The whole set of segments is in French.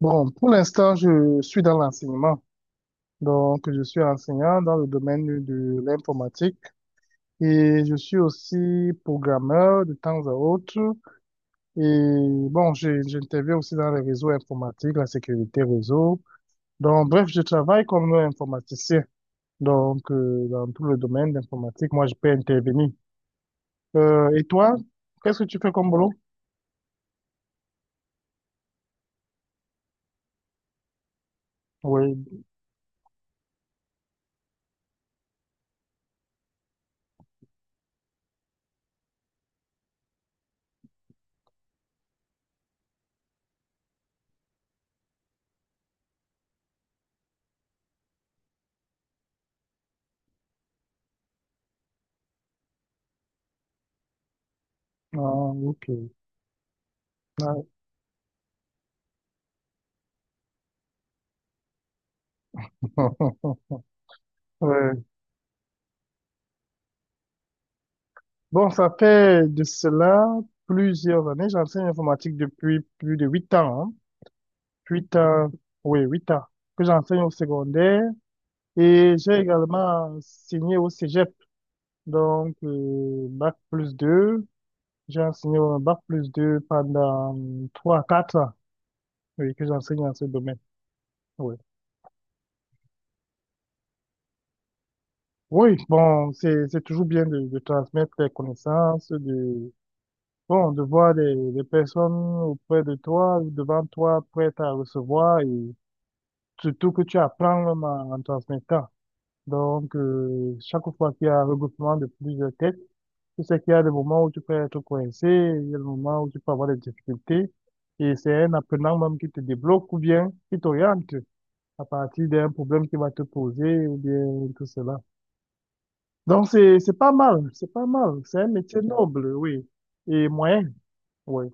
Bon, pour l'instant, je suis dans l'enseignement. Donc, je suis enseignant dans le domaine de l'informatique et je suis aussi programmeur de temps à autre. Et bon, j'interviens aussi dans les réseaux informatiques, la sécurité réseau. Donc, bref, je travaille comme informaticien. Donc, dans tout le domaine d'informatique, moi, je peux intervenir. Et toi, qu'est-ce que tu fais comme boulot? Oui, ah, ok. Ah. Ouais. Bon, ça fait de cela plusieurs années. J'enseigne l'informatique depuis plus de 8 ans, hein. 8 ans, oui, 8 ans que j'enseigne au secondaire. Et j'ai également enseigné au Cégep, donc bac plus deux. J'ai enseigné au bac plus 2 pendant 3 à 4 ans, oui, que j'enseigne dans ce domaine. Oui, oui, bon, c'est toujours bien de transmettre les connaissances, de, bon, de voir des personnes auprès de toi, devant toi, prêtes à recevoir, et surtout que tu apprends même en transmettant. Donc, chaque fois qu'il y a un regroupement de plusieurs têtes, tu sais qu'il y a des moments où tu peux être coincé, il y a des moments où tu peux avoir des difficultés. Et c'est un apprenant même qui te débloque ou bien qui t'oriente à partir d'un problème qui va te poser ou bien tout cela. Donc, c'est pas mal, c'est pas mal. C'est un métier noble, oui. Et moyen, oui,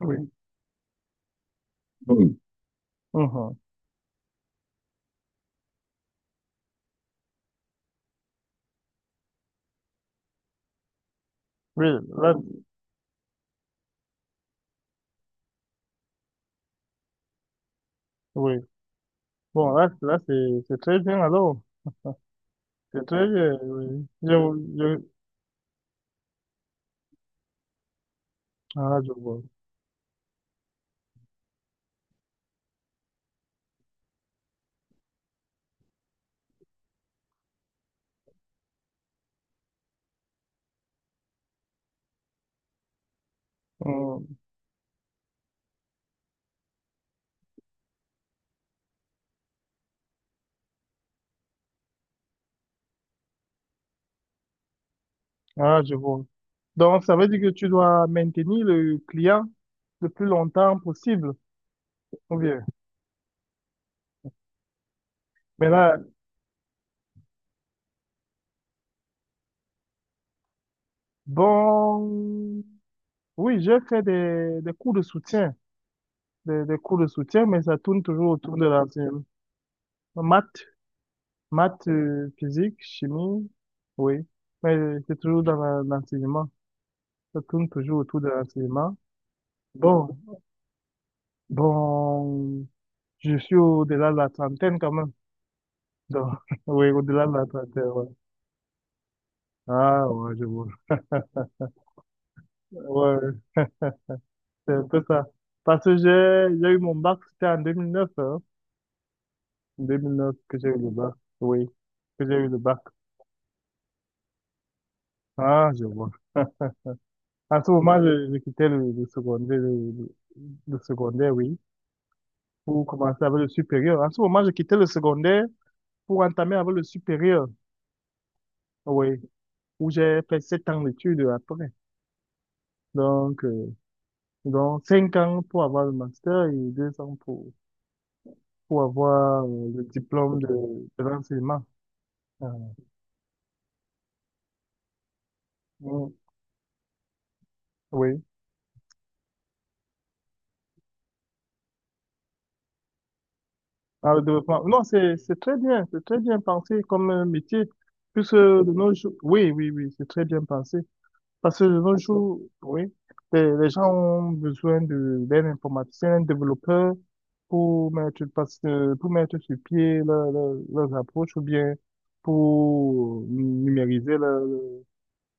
oui. Oui. Mhm. Oui, là, oui. Bon, là c'est très bien alors. C'était, oui. Je- ah, je vois. Hum, Ah, je vois. Donc, ça veut dire que tu dois maintenir le client le plus longtemps possible. Ou bien. Mais là, bon, oui, j'ai fait des cours de soutien, des cours de soutien, mais ça tourne toujours autour de la maths, maths, physique, chimie, oui. Mais c'est toujours dans l'enseignement. Ça tourne toujours autour de l'enseignement. Bon, bon, je suis au-delà de la trentaine quand même. Donc, oui, au-delà de la trentaine, ouais. Ah, ouais, je vois. Ouais, c'est un peu ça. Parce que j'ai eu mon bac, c'était en 2009, hein. Deux mille neuf que j'ai eu le bac. Oui, que j'ai eu le bac. Ah, je vois. En ce moment, je quittais le secondaire, le secondaire, oui, pour commencer avec le supérieur. En ce moment, je quittais le secondaire pour entamer avec le supérieur, oui, où j'ai fait 7 ans d'études après. Donc, euh, donc 5 ans pour avoir le master et 2 ans pour avoir le diplôme de l'enseignement. Euh, mm, oui, dans le développement. Non, c'est très bien, c'est très bien pensé comme métier. Puisque de nos jours, oui, oui, oui, c'est très bien pensé. Parce que de nos jours, oui, les gens ont besoin d'un informaticien, d'un développeur pour mettre, pour mettre sur pied leurs approches ou bien pour numériser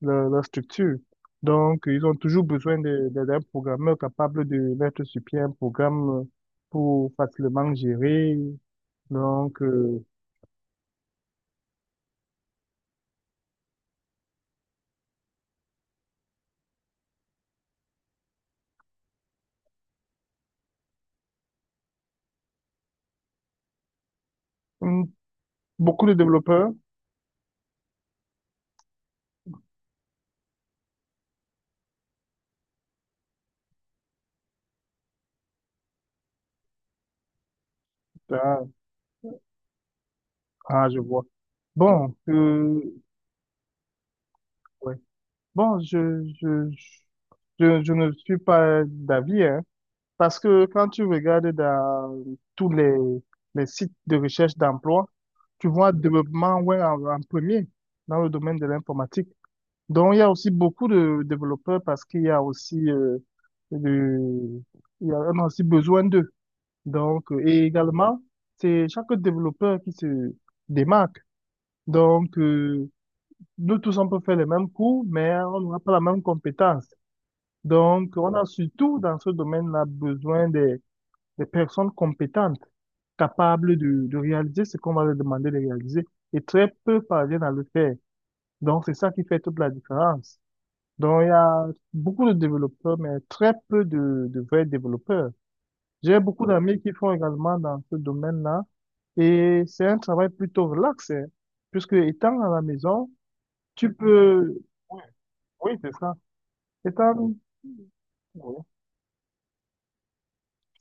la structure. Donc, ils ont toujours besoin d'un programmeur capable de mettre sur pied un programme, pour facilement gérer. Donc, hum, beaucoup de développeurs. Ah, ah, je vois. Bon, ouais. Bon, je ne suis pas d'avis, hein, parce que quand tu regardes dans tous les sites de recherche d'emploi, tu vois développement web en premier dans le domaine de l'informatique. Donc, il y a aussi beaucoup de développeurs parce qu'il y a aussi, de- il y a, on a aussi besoin d'eux. Donc, et également, c'est chaque développeur qui se démarque. Donc, nous tous, on peut faire les mêmes cours, mais on n'aura pas la même compétence. Donc, on a surtout dans ce domaine-là besoin des personnes compétentes, capables de réaliser ce qu'on va leur demander de réaliser. Et très peu parviennent à le faire. Donc, c'est ça qui fait toute la différence. Donc, il y a beaucoup de développeurs, mais très peu de vrais développeurs. J'ai beaucoup, ouais, d'amis qui font également dans ce domaine-là. Et c'est un travail plutôt relax, hein, puisque étant à la maison, tu peux. Oui, oui, c'est ça. Étant. Oui,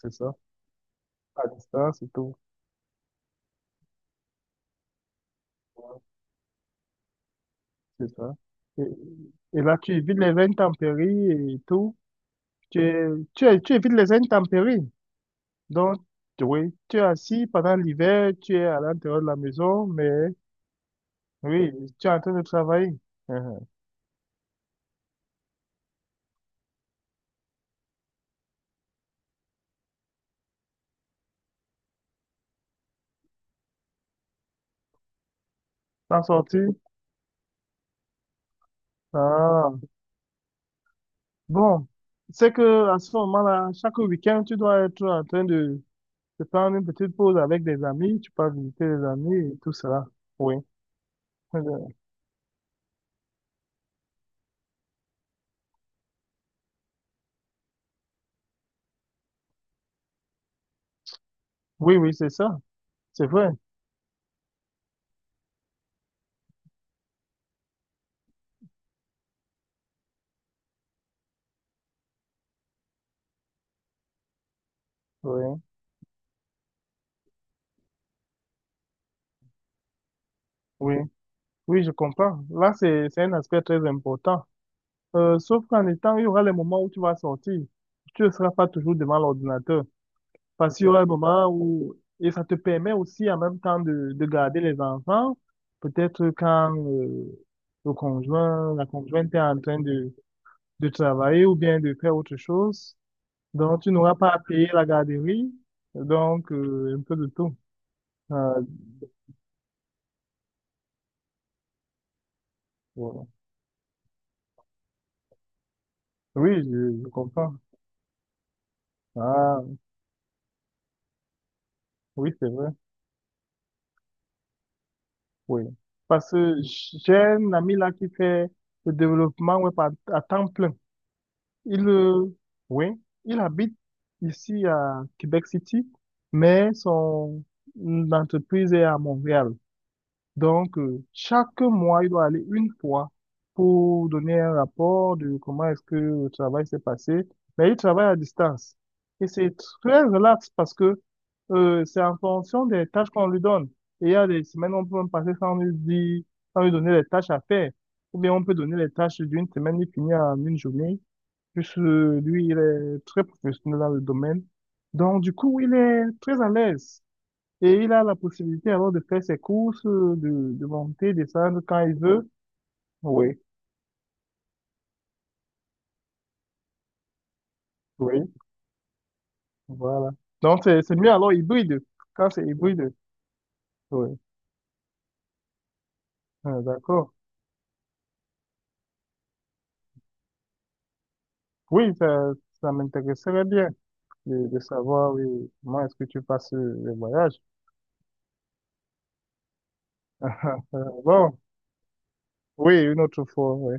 c'est ça. À distance et tout. Ouais, c'est ça. Et, et là, tu évites les intempéries et tout. Tu, es- Tu évites les intempéries. Donc, oui, tu es assis pendant l'hiver, tu es à l'intérieur de la maison, mais, oui, tu es en train de travailler. Mhm. T'en sortir? Ah. Bon, c'est que à ce moment-là, chaque week-end, tu dois être en train de prendre une petite pause avec des amis. Tu peux visiter les amis et tout cela. Oui. Euh, Oui, oui, c'est ça. C'est vrai. Oui, oui. Oui, je comprends. Là, c'est un aspect très important. Sauf qu'en étant, il y aura les moments où tu vas sortir. Tu ne seras pas toujours devant l'ordinateur. Parce qu'il y aura un moment où, et ça te permet aussi en même temps de garder les enfants, peut-être quand le conjoint, la conjointe est en train de travailler ou bien de faire autre chose. Donc, tu n'auras pas à payer la garderie, donc un peu de tout. Ah, voilà. Oui, je comprends. Ah, oui, c'est vrai. Oui. Parce que j'ai un ami là qui fait le développement web à temps plein. Il, oui, il habite ici à Québec City, mais son entreprise est à Montréal. Donc, chaque mois, il doit aller une fois pour donner un rapport de comment est-ce que le travail s'est passé. Mais il travaille à distance. Et c'est très relax parce que c'est en fonction des tâches qu'on lui donne. Et il y a des semaines où on peut même passer sans lui dire, sans lui donner les tâches à faire. Ou bien on peut donner les tâches d'une semaine, il finit en une journée puisque lui, il est très professionnel dans le domaine. Donc, du coup, il est très à l'aise et il a la possibilité alors de faire ses courses, de monter, descendre quand il veut. Oui, oui, voilà. Donc, c'est mieux alors hybride, quand c'est hybride. Oui, ah, d'accord. Oui, ça m'intéresserait bien de savoir, oui, comment est-ce que tu passes le voyage. Bon, oui, une autre fois, oui,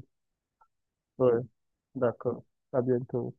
oui, d'accord. À bientôt.